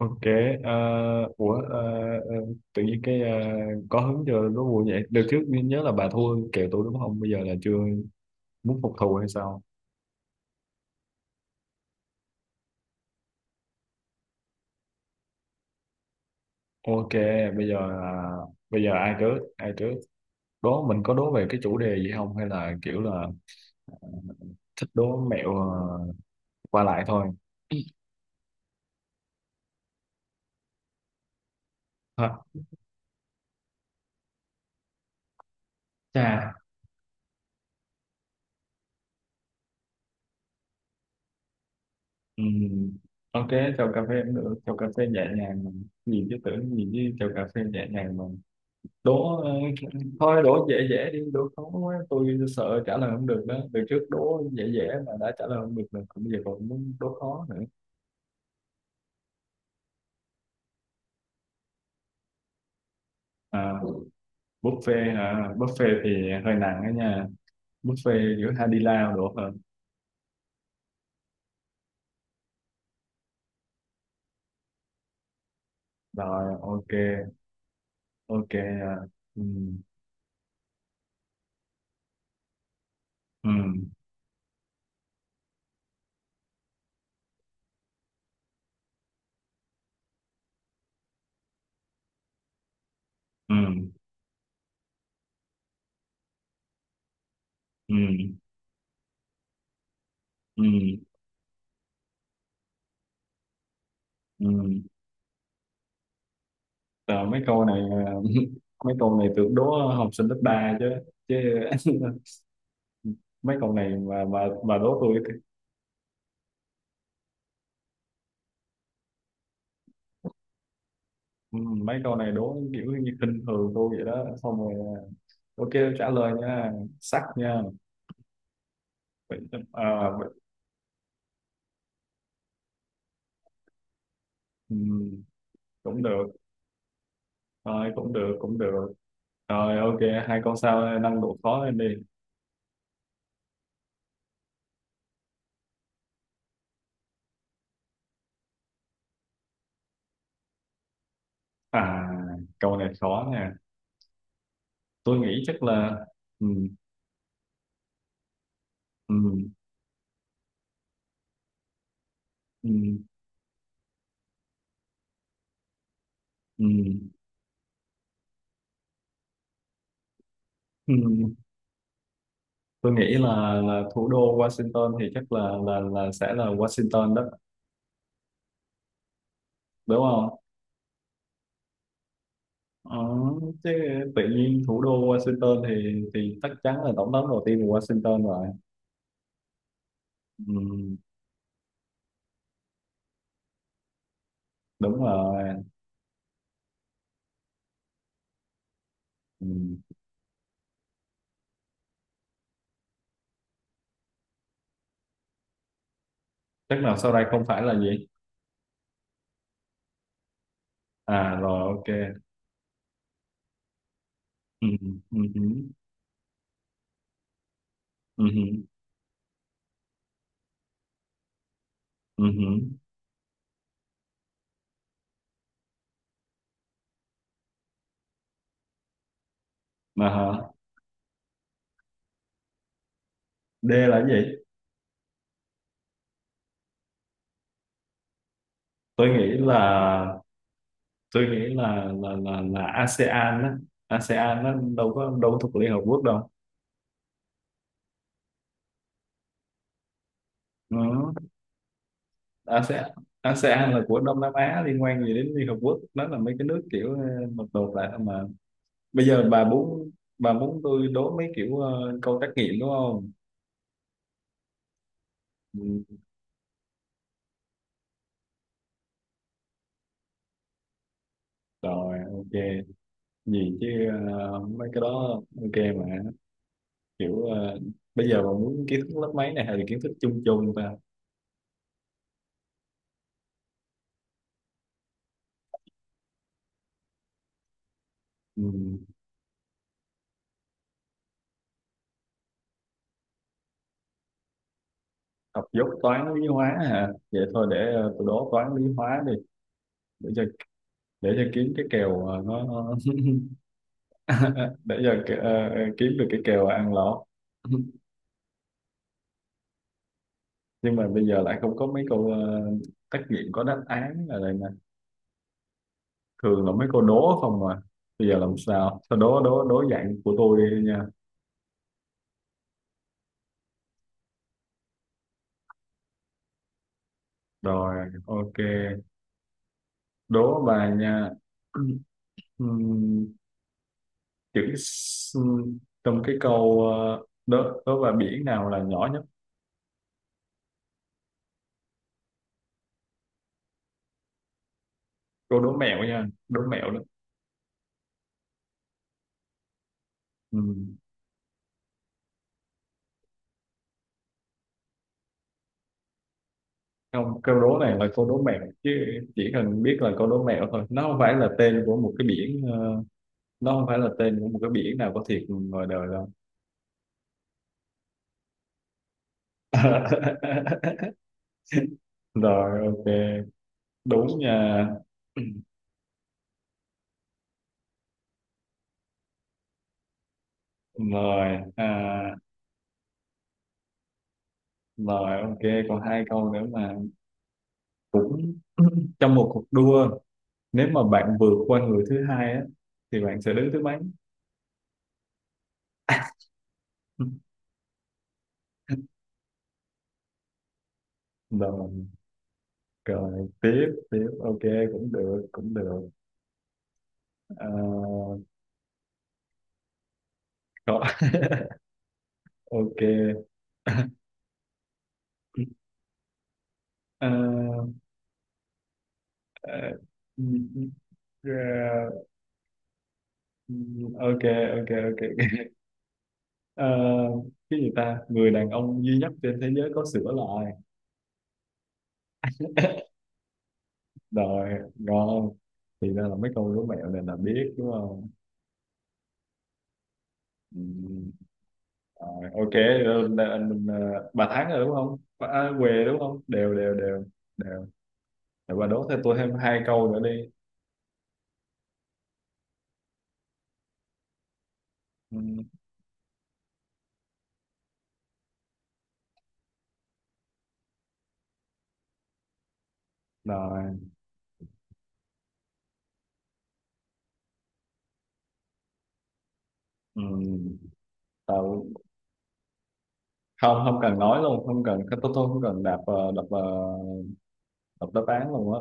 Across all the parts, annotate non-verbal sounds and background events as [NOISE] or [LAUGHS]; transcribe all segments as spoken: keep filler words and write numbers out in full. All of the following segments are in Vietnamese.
Ok, à, ủa à, à, tự nhiên cái à, có hứng cho đố vui vậy. Đợt trước mình nhớ là bà thua kèo tôi đúng không? Bây giờ là chưa muốn phục thù hay sao? Ok, bây giờ là bây giờ ai trước? Ai trước? Đố mình có đố về cái chủ đề gì không hay là kiểu là thích đố mẹo à, qua lại thôi. Ha. Chà, ừm, ok, chào cà phê cũng được, chào cà phê nhẹ nhàng nhìn chứ tưởng nhìn chứ chào cà phê nhẹ nhàng mà đố ờ, thôi đố dễ dễ đi, đố khó quá tôi sợ trả lời không được đó, từ trước đố dễ dễ mà đã trả lời không được rồi còn bây giờ còn muốn đố khó nữa. À, buffet hả? Buffet thì hơi nặng đó nha, buffet giữa hai đi lao được hơn. Rồi, ok ok à. Ừ, ừ, ừ, ừ, ừ, ừ. Rồi, mấy câu này, à, [LAUGHS] mấy câu này tưởng đố học sinh lớp ba chứ chứ, [LAUGHS] mấy câu này mà mà mà đố tôi. Ừ, mấy câu này đố kiểu như khinh thường tôi vậy đó, xong rồi à, ok, trả lời nha, sắc nha. Vậy, à, vậy, ừ, cũng được, thôi cũng được cũng được, rồi ok, hai câu sau nâng độ khó lên đi. À, câu này khó nè, tôi nghĩ chắc là ừ, ừ, ừ, ừ, ừ. tôi nghĩ là là thủ đô Washington thì chắc là là là sẽ là Washington đó, đúng không? Ờ, chứ tự nhiên thủ đô Washington thì thì chắc chắn là tổng thống đầu tiên của Washington rồi. Ừ, đúng rồi. Ừ. Chắc nào sau đây không phải là gì? À rồi ok. Ừ, ừ, ừ, ừ, ừ, ừ. Mà hả? D là cái gì? Tôi nghĩ là tôi nghĩ là là là, là a se an á. a se an nó đâu có đâu có thuộc Liên Hợp Quốc đâu. Ừ. a sê an a se an là của Đông Nam Á, liên quan gì đến Liên Hợp Quốc? Nó là mấy cái nước kiểu ờ, một đột lại thôi mà. Bây giờ bà muốn bà muốn tôi đố mấy kiểu ờ, câu trắc nghiệm đúng không? Ừ, rồi ok, gì chứ, ờ, mấy cái đó ok mà, kiểu ờ, bây giờ bà muốn kiến thức lớp mấy này hay là kiến thức chung chung ta? Ừ, học dốt toán lý hóa hả, vậy thôi để ờ, tôi đố toán lý hóa đi, để cho để cho kiếm cái kèo ờ, nó [LAUGHS] để cho ờ, ờ, kiếm được cái kèo ăn lỗ. [LAUGHS] Nhưng mà bây giờ lại không có mấy câu uh, trắc nghiệm có đáp án ở đây nè, thường là mấy cô đố không mà, bây giờ làm sao sao đố đố đố dạng của tôi đi nha. Rồi ok, đố bà nha. [CLEARS THROAT] Ừm, chữ s- trong cái câu ờ, đố đố bà biển nào là nhỏ nhất. Cô đố mẹo nha, đố mẹo đó. Ừm, không, câu đố này là câu đố mẹo chứ, chỉ cần biết là câu đố mẹo thôi, nó không phải là tên của một cái biển ờ, nó không phải là tên của một cái biển nào có thiệt ngoài đời đâu. [LAUGHS] Rồi ok, đúng nha. Rồi à, rồi ok, còn hai câu nữa mà, cũng [CLEARS THROAT] trong một cuộc đua, nếu mà bạn vượt qua người thứ hai á thì bạn sẽ đứng thứ mấy? [LAUGHS] Rồi, rồi tiếp tiếp ok, cũng được cũng được, à, rồi, [LAUGHS] ok [LAUGHS] à, à, ok, ok ok [LAUGHS] à, cái gì ta, người đàn ông duy nhất trên thế giới có sữa lại? Rồi, ngon, thì ra là mấy câu đố mẹo này là biết đúng không? Ừ. Rồi, ok, rồi, là anh ờ, bà thắng rồi đúng không bà, à, què đúng không? Đều đều đều đều. Rồi bà đố thêm tôi thêm hai câu nữa đi. Ừ. Rồi. Ừ. Tao- Không, không cần nói luôn, không cần, tôi tôi không cần đạp ờ, đập ờ, đập đáp án luôn á,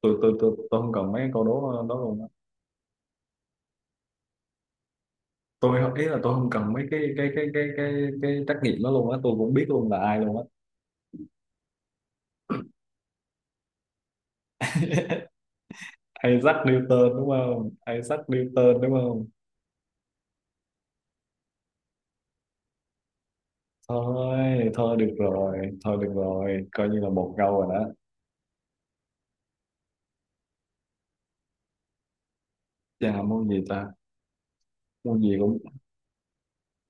tôi tôi tôi tôi không cần mấy cái câu đố ờ, đó luôn á. Tôi không- Ý là tôi không cần mấy cái cái cái cái cái cái trắc nghiệm đó luôn á, tôi cũng biết luôn là ai luôn á. Isaac Newton đúng không? Isaac Newton đúng không thôi thôi được rồi, thôi được rồi coi như là một câu rồi đó. Chà, môn gì ta, môn gì cũng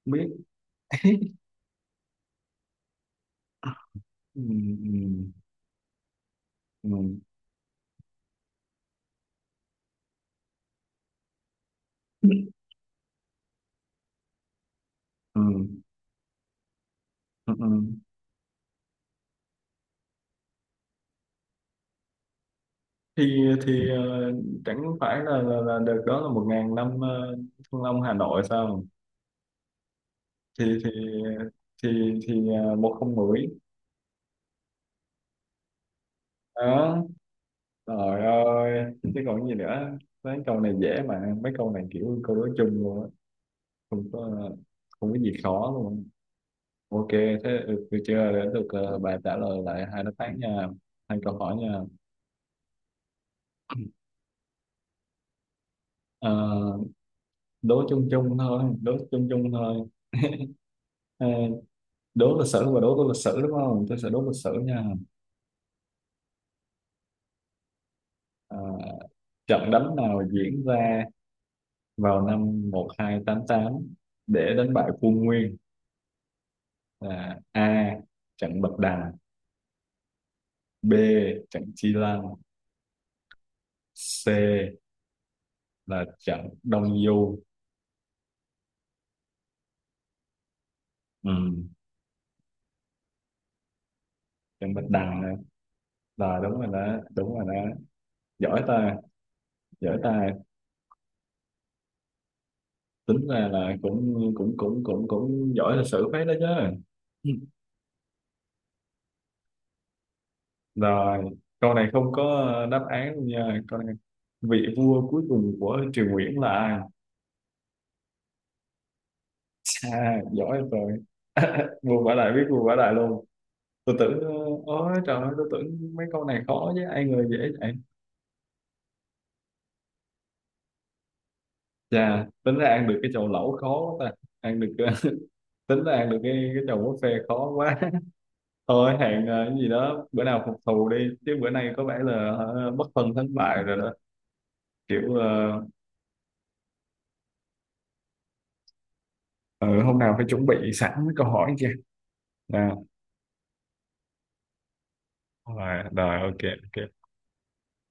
không biết. [LAUGHS] Ừ, ừ, ừ, ừ, ừ, ừ. thì thì ờ, chẳng phải là là, là được đó là một ngàn năm ờ, Thăng Long Hà Nội sao? Thì thì thì thì ờ, một không mười đó. Trời ơi chứ còn gì nữa, mấy câu này dễ mà, mấy câu này kiểu câu đối chung luôn á, không có không có gì khó luôn. Ok thế, ừ, được chưa, để được ờ, bà trả lời lại hai đáp án nha, hai câu hỏi nha. Ờ, đố chung chung thôi đố chung chung thôi. Ờ, đố lịch sử và đố tôi lịch sử đúng không, tôi sẽ đố lịch sử nha. Ờ, trận đánh nào diễn ra vào năm một hai tám tám để đánh bại quân Nguyên, là A trận Bạch Đằng, B trận Chi Lăng, C là trận Đông Du. Ừ. Trận Bạch Đằng. Rồi đúng rồi đó, đúng rồi đó. Giỏi ta, giỏi ta. Tính ra là cũng cũng cũng cũng cũng giỏi lịch sử phết đó chứ. Ừ. Rồi, câu này không có đáp án luôn nha. Câu này vị vua cuối cùng của Triều Nguyễn là ai? À, giỏi rồi. [LAUGHS] Vua Vả Đại, biết vua Vả Đại luôn. Tôi tưởng Ôi trời ơi, tôi tưởng mấy câu này khó chứ ai ngờ dễ vậy. Chà, tính ra ăn được cái chầu lẩu khó quá ta. Ăn được [LAUGHS] tính ra ăn được cái cái chầu buffet khó quá. Thôi hẹn ờ, cái gì đó bữa nào phục thù đi chứ bữa nay có vẻ là ờ, bất phân thắng bại rồi đó, kiểu ờ, ừ, hôm nào phải chuẩn bị sẵn mấy câu hỏi chưa, à, rồi rồi ok ok